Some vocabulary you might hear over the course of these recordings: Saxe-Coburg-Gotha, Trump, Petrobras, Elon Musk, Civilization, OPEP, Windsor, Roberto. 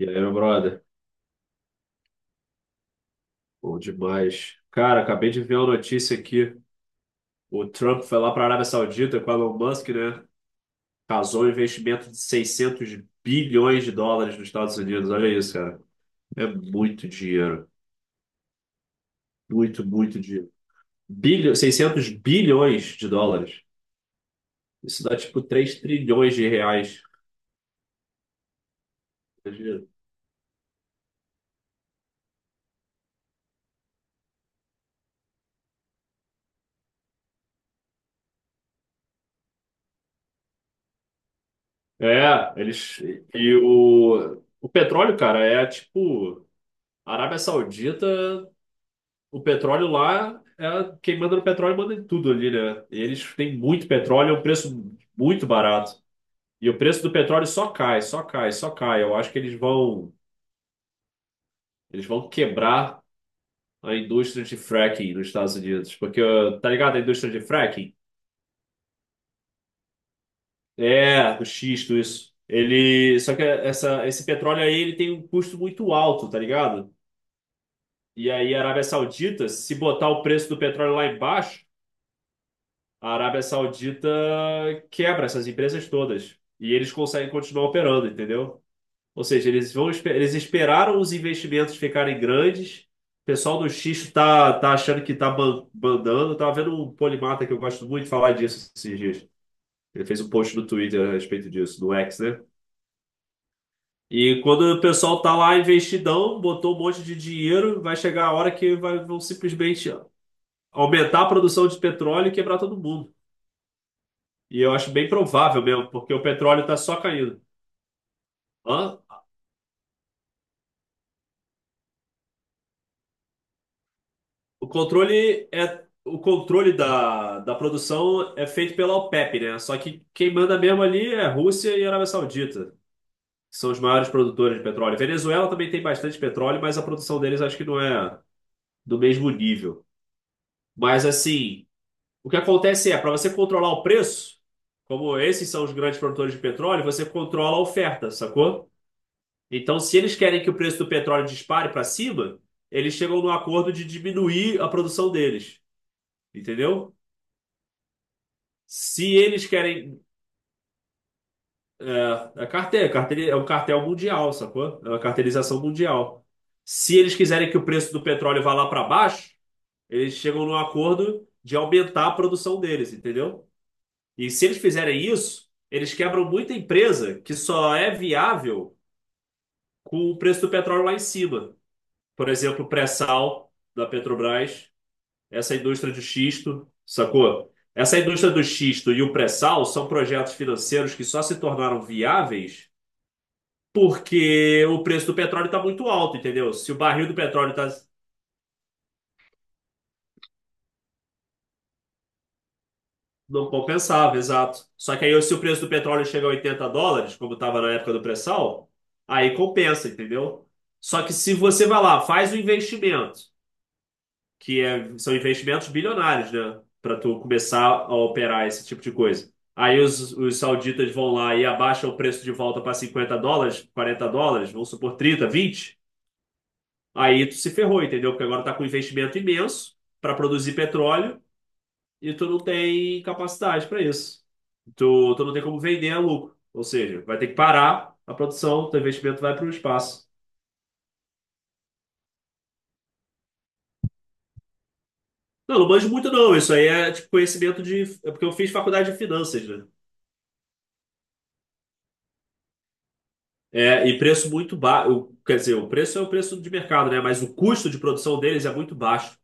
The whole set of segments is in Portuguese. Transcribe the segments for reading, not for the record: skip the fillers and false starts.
E aí, meu brother? Bom demais. Cara, acabei de ver uma notícia aqui. O Trump foi lá para a Arábia Saudita com o Elon Musk, né? Casou um investimento de 600 bilhões de dólares nos Estados Unidos. Olha isso, cara. É muito dinheiro. Muito, muito dinheiro. Seiscentos bilhões de dólares. Isso dá tipo 3 trilhões de reais. Imagina. É, eles. E o petróleo, cara, é tipo. A Arábia Saudita. O petróleo lá, quem manda no petróleo manda em tudo ali, né? E eles têm muito petróleo, é um preço muito barato. E o preço do petróleo só cai, só cai, só cai. Eu acho que eles vão, Eles vão quebrar a indústria de fracking nos Estados Unidos. Porque, ó, tá ligado? A indústria de fracking? É, o xisto, isso. Ele, só que essa, Esse petróleo aí, ele tem um custo muito alto, tá ligado? E aí a Arábia Saudita, se botar o preço do petróleo lá embaixo, a Arábia Saudita quebra essas empresas todas e eles conseguem continuar operando, entendeu? Ou seja, eles esperaram os investimentos ficarem grandes. O pessoal do Xixo tá achando que tá bandando. Tava vendo um polimata que eu gosto muito de falar disso esses dias. Ele fez um post no Twitter a respeito disso, no X, né? E quando o pessoal tá lá investidão, botou um monte de dinheiro, vai chegar a hora que vão simplesmente aumentar a produção de petróleo e quebrar todo mundo. E eu acho bem provável mesmo, porque o petróleo está só caindo. Hã? O controle da produção é feito pela OPEP, né? Só que quem manda mesmo ali é Rússia e Arábia Saudita, que são os maiores produtores de petróleo. Venezuela também tem bastante petróleo, mas a produção deles acho que não é do mesmo nível. Mas assim, o que acontece é, para você controlar o preço, como esses são os grandes produtores de petróleo, você controla a oferta, sacou? Então, se eles querem que o preço do petróleo dispare para cima, eles chegam no acordo de diminuir a produção deles, entendeu? Se eles querem. É, é cartel, cartel, é um cartel mundial, sacou? É uma cartelização mundial. Se eles quiserem que o preço do petróleo vá lá para baixo, eles chegam no acordo de aumentar a produção deles, entendeu? E se eles fizerem isso, eles quebram muita empresa que só é viável com o preço do petróleo lá em cima. Por exemplo, o pré-sal da Petrobras. Essa indústria de xisto, sacou? Essa indústria do xisto e o pré-sal são projetos financeiros que só se tornaram viáveis porque o preço do petróleo está muito alto, entendeu? Se o barril do petróleo tá, não compensava, exato. Só que aí, se o preço do petróleo chega a 80 dólares, como estava na época do pré-sal, aí compensa, entendeu? Só que se você vai lá, faz o investimento, são investimentos bilionários, né? Para tu começar a operar esse tipo de coisa. Aí os sauditas vão lá e abaixam o preço de volta para 50 dólares, 40 dólares, vamos supor 30, 20. Aí tu se ferrou, entendeu? Porque agora tá com um investimento imenso para produzir petróleo e tu não tem capacidade para isso. Tu não tem como vender a lucro. Ou seja, vai ter que parar a produção, teu investimento vai para o espaço. Não, não manjo muito não. Isso aí é tipo conhecimento de. É porque eu fiz faculdade de finanças, né? É, e preço muito baixo. Quer dizer, o preço é o preço de mercado, né? Mas o custo de produção deles é muito baixo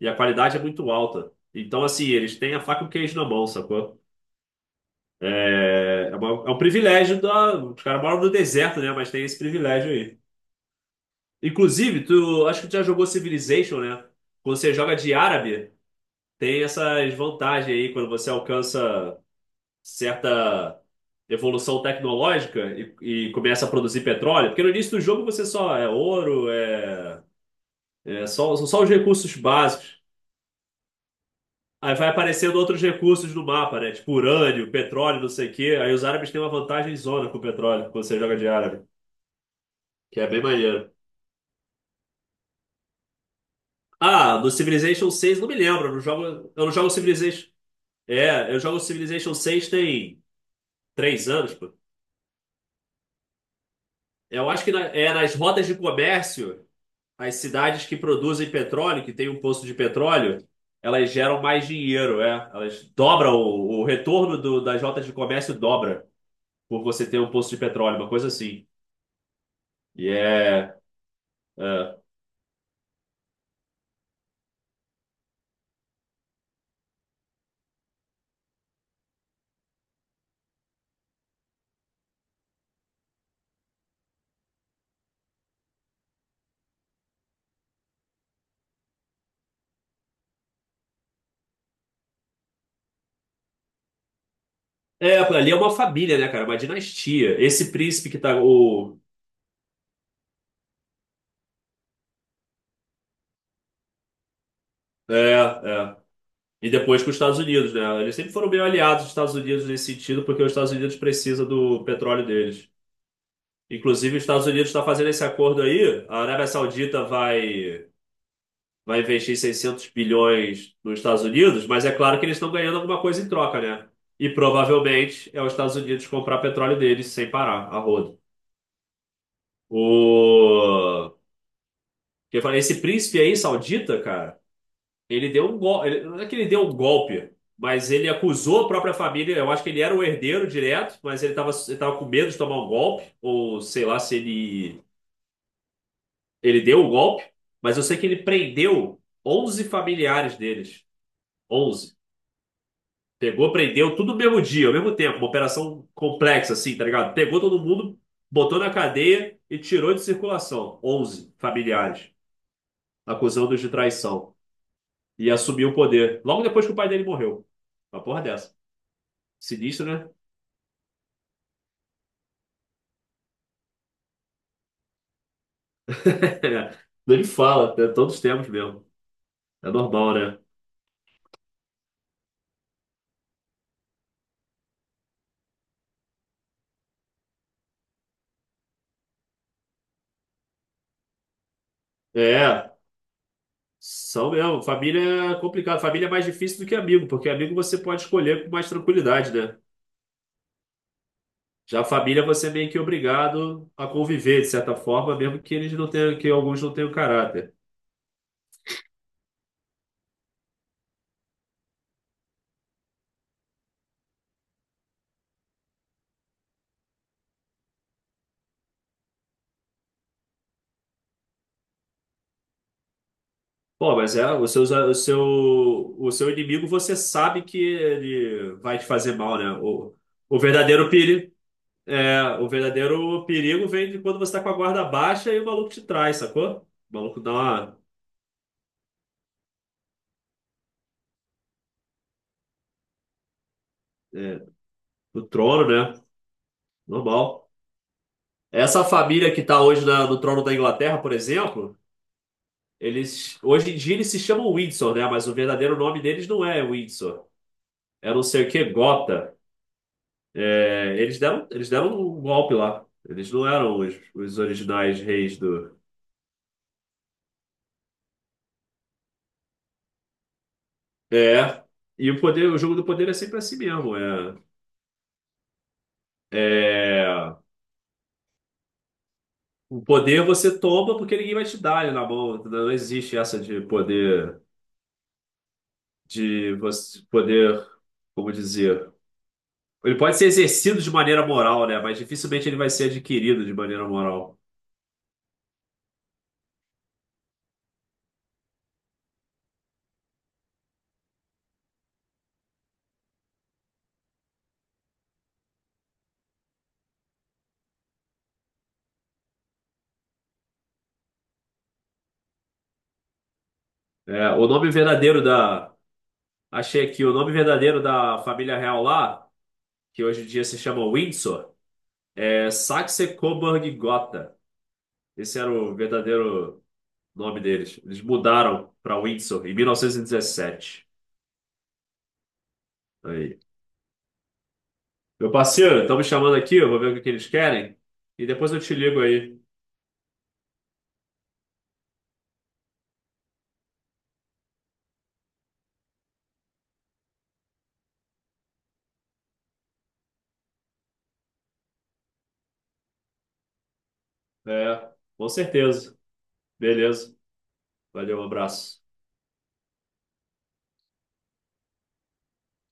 e a qualidade é muito alta. Então, assim, eles têm a faca e o queijo na mão, sacou? É um privilégio da. Os caras moram no deserto, né? Mas tem esse privilégio aí. Inclusive, tu acho que tu já jogou Civilization, né? Quando você joga de árabe, tem essas vantagens aí quando você alcança certa evolução tecnológica e começa a produzir petróleo, porque no início do jogo você só é ouro, são só os recursos básicos. Aí vai aparecendo outros recursos no mapa, né? Tipo urânio, petróleo, não sei o quê. Aí os árabes têm uma vantagem zona com o petróleo, quando você joga de árabe, que é bem maneiro. Ah, no Civilization seis não me lembro, eu não jogo Civilization. É, eu jogo Civilization seis tem três anos, pô. Eu acho que na- é nas rotas de comércio. As cidades que produzem petróleo, que tem um poço de petróleo, elas geram mais dinheiro, é. Elas dobram o retorno das rotas de comércio dobra por você ter um poço de petróleo, uma coisa assim. E é, é, é, ali é uma família, né, cara? Uma dinastia. Esse príncipe que tá o é, é. E depois com os Estados Unidos, né? Eles sempre foram meio aliados dos Estados Unidos nesse sentido, porque os Estados Unidos precisa do petróleo deles. Inclusive, os Estados Unidos está fazendo esse acordo aí. A Arábia Saudita vai investir 600 bilhões nos Estados Unidos, mas é claro que eles estão ganhando alguma coisa em troca, né? E provavelmente é os Estados Unidos comprar petróleo deles sem parar, a rodo. O... Eu falei, esse príncipe aí, saudita, cara, ele deu um golpe. Não é que ele deu um golpe, mas ele acusou a própria família. Eu acho que ele era o herdeiro direto, mas ele tava com medo de tomar um golpe, ou sei lá se ele, ele deu um golpe. Mas eu sei que ele prendeu 11 familiares deles. 11. Pegou, prendeu tudo no mesmo dia, ao mesmo tempo. Uma operação complexa, assim, tá ligado? Pegou todo mundo, botou na cadeia e tirou de circulação. 11 familiares, acusando-os de traição. E assumiu o poder. Logo depois que o pai dele morreu. Uma porra dessa. Sinistro, né? Ele fala, é todos os tempos mesmo. É normal, né? É, são mesmo. Família é complicado. Família é mais difícil do que amigo, porque amigo você pode escolher com mais tranquilidade, né? Já a família você é meio que obrigado a conviver, de certa forma, mesmo que eles não tenham, que alguns não tenham caráter. Pô, mas é, o seu inimigo você sabe que ele vai te fazer mal, né? O verdadeiro perigo, o verdadeiro perigo vem de quando você tá com a guarda baixa e o maluco te trai, sacou? O maluco dá uma, é, no trono, né? Normal. Essa família que tá hoje no trono da Inglaterra, por exemplo. Eles, hoje em dia eles se chamam Windsor, né? Mas o verdadeiro nome deles não é Windsor. É não sei o que, Gotha. É, eles deram um golpe lá. Eles não eram os originais reis do. É. E o poder, o jogo do poder é sempre assim mesmo. É, o poder você toma porque ninguém vai te dar ele na mão. Não existe essa de poder, de você poder, como dizer. Ele pode ser exercido de maneira moral, né? Mas dificilmente ele vai ser adquirido de maneira moral. É, o nome verdadeiro da. Achei aqui, o nome verdadeiro da família real lá, que hoje em dia se chama Windsor, é Saxe-Coburg-Gotha. Esse era o verdadeiro nome deles. Eles mudaram para Windsor em 1917. Aí. Meu parceiro, estão me chamando aqui, eu vou ver o que que eles querem. E depois eu te ligo aí. É, com certeza. Beleza. Valeu, um abraço.